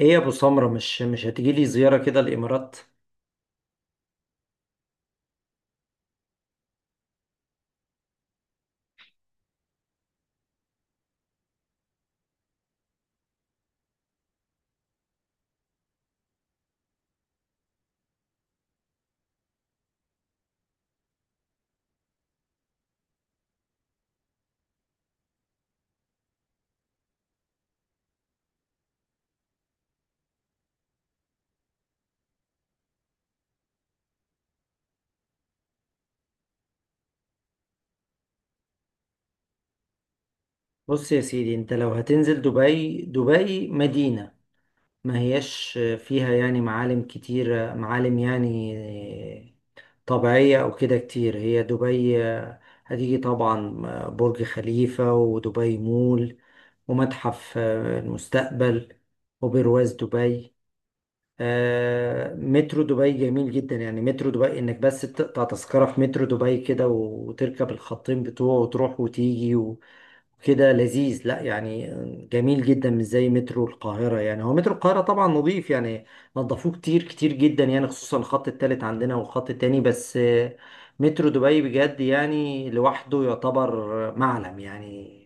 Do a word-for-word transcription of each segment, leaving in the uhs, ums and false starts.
ايه يا ابو سمرة مش مش هتيجي لي زيارة كده الامارات؟ بص يا سيدي، انت لو هتنزل دبي، دبي مدينة ما هياش فيها يعني معالم كتير، معالم يعني طبيعية او كده كتير. هي دبي هتيجي طبعا برج خليفة ودبي مول ومتحف المستقبل وبرواز دبي. آه، مترو دبي جميل جدا يعني. مترو دبي انك بس تقطع تذكرة في مترو دبي كده وتركب الخطين بتوعه وتروح وتيجي وكده، لذيذ لا يعني. جميل جدا، مش زي مترو القاهرة. يعني هو مترو القاهرة طبعا نظيف يعني، نظفوه كتير كتير جدا يعني، خصوصا الخط التالت عندنا والخط التاني. بس آه، مترو دبي بجد يعني لوحده يعتبر معلم يعني.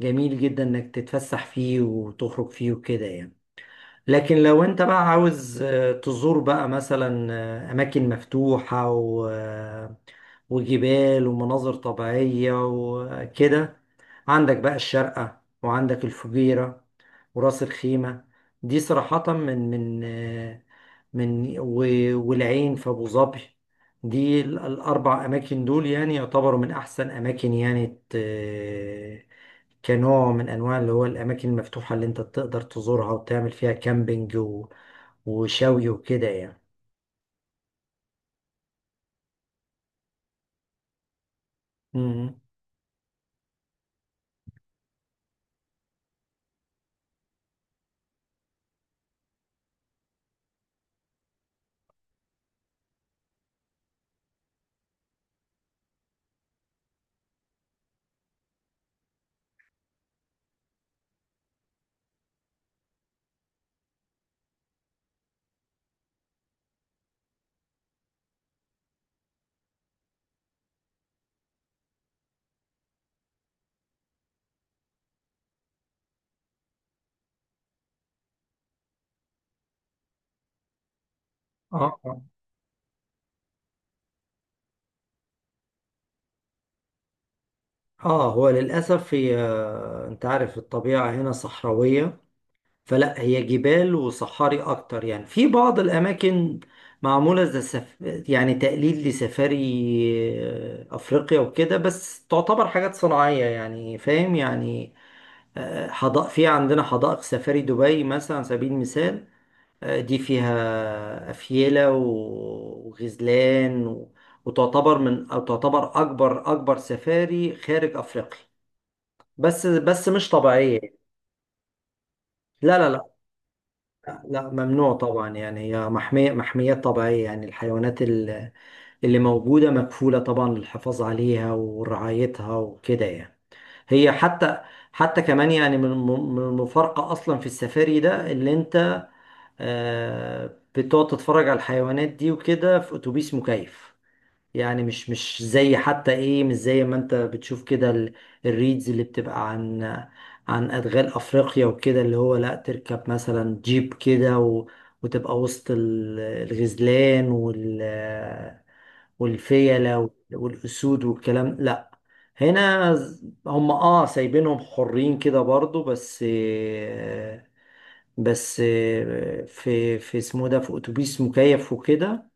جميل جدا انك تتفسح فيه وتخرج فيه وكده يعني. لكن لو انت بقى عاوز آه، تزور بقى مثلا آه، اماكن مفتوحة و... آه، وجبال ومناظر طبيعية وكده، عندك بقى الشارقة وعندك الفجيرة وراس الخيمة. دي صراحة من من آه، من و- والعين في أبو ظبي، دي ال- الأربع أماكن دول يعني يعتبروا من أحسن أماكن يعني، كنوع من انواع اللي هو الاماكن المفتوحه اللي انت تقدر تزورها وتعمل فيها كامبينج و... وشوي وكده يعني. مم. اه اه. اه هو للاسف هي، انت عارف الطبيعه هنا صحراويه، فلا، هي جبال وصحاري اكتر يعني. في بعض الاماكن معموله زي سف... يعني تقليد لسفاري آه، افريقيا وكده، بس تعتبر حاجات صناعيه يعني، فاهم يعني. آه، حدائق، في عندنا حدائق سفاري دبي مثلا على سبيل المثال، دي فيها أفيلة و- وغزلان و- وتعتبر من، أو تعتبر أكبر، أكبر سفاري خارج أفريقيا، بس بس مش طبيعية. لا لا لا. لا، ممنوع طبعا يعني، هي محمية، محميات طبيعية يعني. الحيوانات ال- اللي موجودة مكفولة طبعا للحفاظ عليها ورعايتها وكده يعني. هي حتى، حتى كمان يعني من من المفارقة أصلا في السفاري ده، اللي أنت آه، بتقعد تتفرج على الحيوانات دي وكده في اتوبيس مكيف يعني. مش مش زي حتى ايه، مش زي ما انت بتشوف كده ال- الريدز اللي بتبقى عن عن ادغال افريقيا وكده، اللي هو لا، تركب مثلا جيب كده و... وتبقى وسط ال- الغزلان وال والفيلة وال- والاسود والكلام، لا. هنا ز- هم اه سايبينهم حرين كده برضو، بس بس آه، في، في اسمه ده، في اتوبيس مكيف وكده،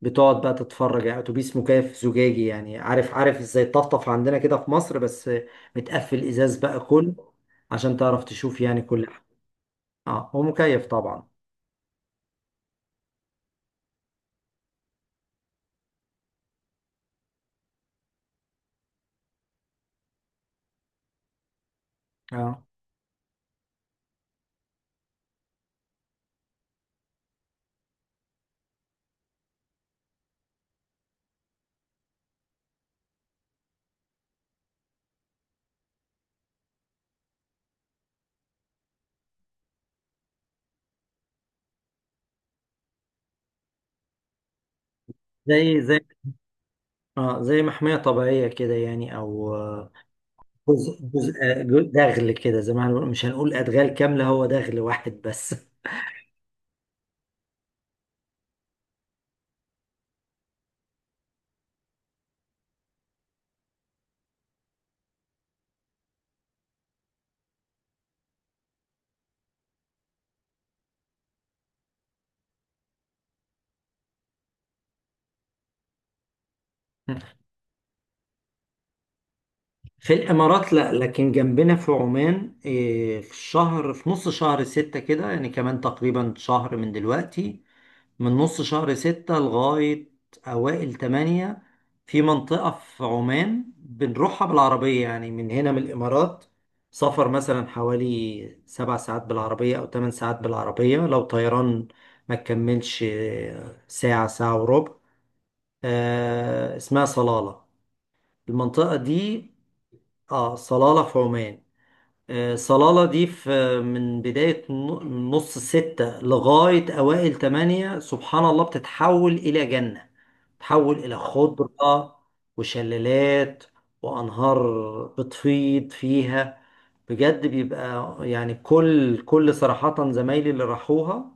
بتقعد بقى تتفرج يعني. اتوبيس مكيف زجاجي يعني، عارف عارف ازاي الطفطف عندنا كده في مصر، بس آه، متقفل ازاز بقى كله عشان تعرف تشوف يعني كل حاجه. اه هو مكيف طبعا. اه، زي زي، اه زي محمية طبيعية كده يعني، او آه، جزء جزء آه، جزء- دغل كده، زي ما احنا بنقول، مش هنقول ادغال كاملة، هو دغل واحد بس. في الامارات لا، لكن جنبنا في عمان إيه، في الشهر، في نص شهر ستة كده يعني، كمان تقريبا شهر من دلوقتي، من نص شهر ستة لغاية أوائل تمانية، في منطقة في عمان بنروحها بالعربية يعني من هنا من الإمارات، سفر مثلا حوالي سبع ساعات بالعربية أو تمن ساعات بالعربية. لو طيران ما تكملش إيه، ساعة، ساعة وربع. آه، اسمها صلالة المنطقة دي. اه صلالة في عمان. آه، صلالة دي في، من بداية نو- من نص ستة لغاية أوائل تمانية سبحان الله بتتحول إلى جنة، تحول إلى خضرة وشلالات وأنهار بتفيض فيها. بجد، بيبقى يعني كل كل صراحة زمايلي اللي راحوها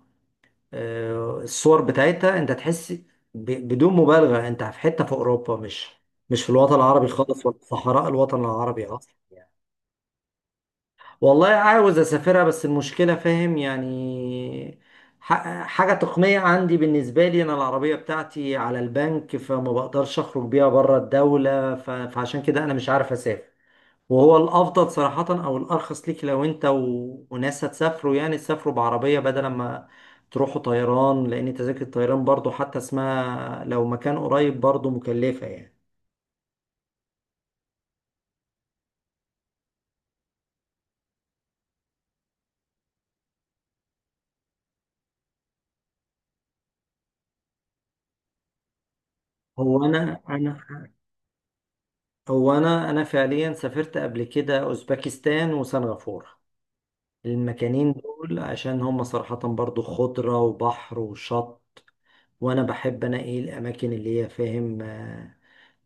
آه، الصور بتاعتها، أنت تحس ب- بدون مبالغة أنت في حتة في أوروبا، مش مش في الوطن العربي خالص، ولا في صحراء الوطن العربي أصلا. والله عاوز اسافرها بس المشكله فاهم يعني، ح- حاجه تقنيه عندي، بالنسبه لي انا العربيه بتاعتي على البنك فما بقدرش اخرج بيها بره الدوله، ف- فعشان كده انا مش عارف اسافر. وهو الافضل صراحه او الارخص ليك لو انت و... وناس هتسافروا، يعني تسافروا بعربيه بدل ما تروحوا طيران، لان تذاكر الطيران برضو حتى اسمها لو مكان قريب برضو مكلفه يعني. هو انا انا هو انا انا فعليا سافرت قبل كده اوزبكستان وسنغافورة. المكانين دول عشان هم صراحة برضو خضرة وبحر وشط، وانا بحب انا ايه الاماكن اللي هي فاهم آه،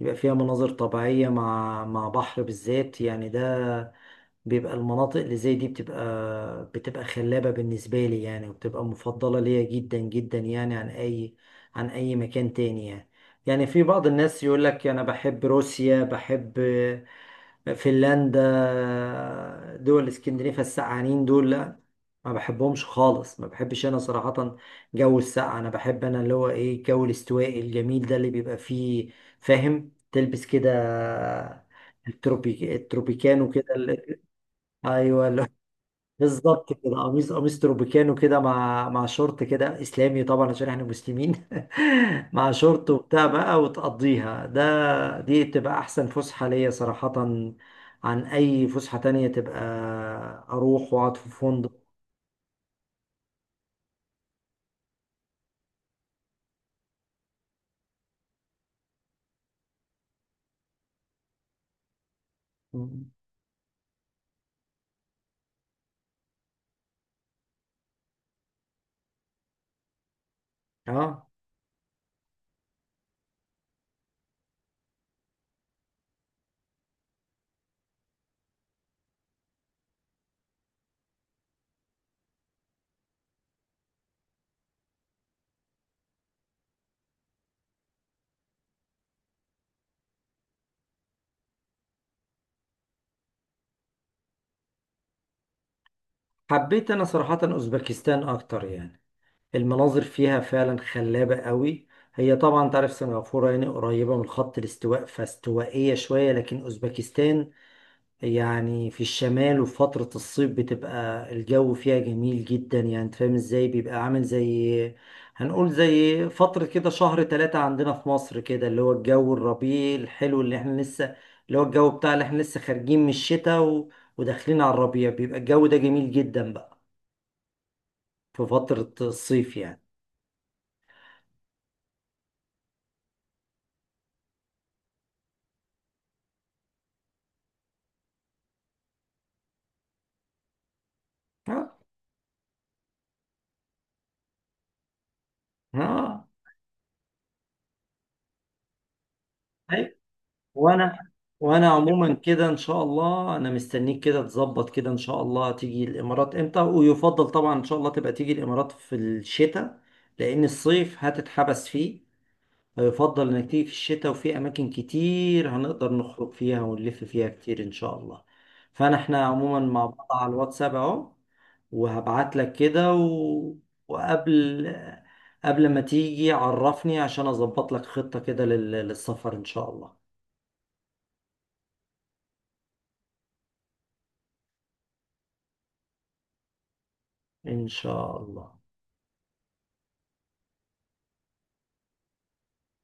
يبقى فيها مناظر طبيعية مع مع بحر بالذات يعني. ده بيبقى، المناطق اللي زي دي بتبقى بتبقى خلابة بالنسبة لي يعني، وبتبقى مفضلة ليا جدا جدا يعني عن اي عن اي مكان تاني يعني. يعني في بعض الناس يقول لك انا بحب روسيا، بحب فنلندا، دول اسكندنافيا، السقعانين دول لا، ما بحبهمش خالص، ما بحبش انا صراحة جو السقعة. انا بحب انا اللي هو ايه، الجو الاستوائي الجميل ده اللي بيبقى فيه فاهم تلبس كده التروبيك التروبيكانو كده ال- ايوه بالظبط كده، قميص قميص تروبيكانو كده مع مع شورت كده اسلامي طبعا عشان احنا مسلمين. مع شورت وبتاع بقى وتقضيها، ده دي بتبقى احسن فسحة ليا صراحة، عن اي فسحة تانية تبقى اروح واقعد في فندق. اه حبيت انا صراحة اوزبكستان اكتر يعني، المناظر فيها فعلا خلابة قوي. هي طبعا تعرف سنغافورة يعني قريبة من خط الاستواء فاستوائية شوية، لكن اوزبكستان يعني في الشمال، وفي فترة الصيف بتبقى الجو فيها جميل جدا يعني. انت فاهم ازاي بيبقى عامل زي، هنقول زي فترة كده شهر تلاتة عندنا في مصر كده، اللي هو الجو الربيع الحلو اللي احنا لسه، اللي هو الجو بتاع اللي احنا لسه خارجين من الشتاء و... وداخلين على الربيع، بيبقى الجو ده جميل جدا بقى في فترة الصيف يعني. ها. ها. وانا وانا عموما كده ان شاء الله انا مستنيك كده تظبط كده ان شاء الله تيجي الامارات امتى، ويفضل طبعا ان شاء الله تبقى تيجي الامارات في الشتاء، لان الصيف هتتحبس فيه، فيفضل انك تيجي في الشتاء، وفي اماكن كتير هنقدر نخرج فيها ونلف فيها كتير ان شاء الله. فانا احنا عموما مع بعض على الواتساب اهو، وهبعت لك كده و... وقبل قبل ما تيجي عرفني عشان اظبط لك خطة كده لل... للسفر ان شاء الله. إن شاء الله.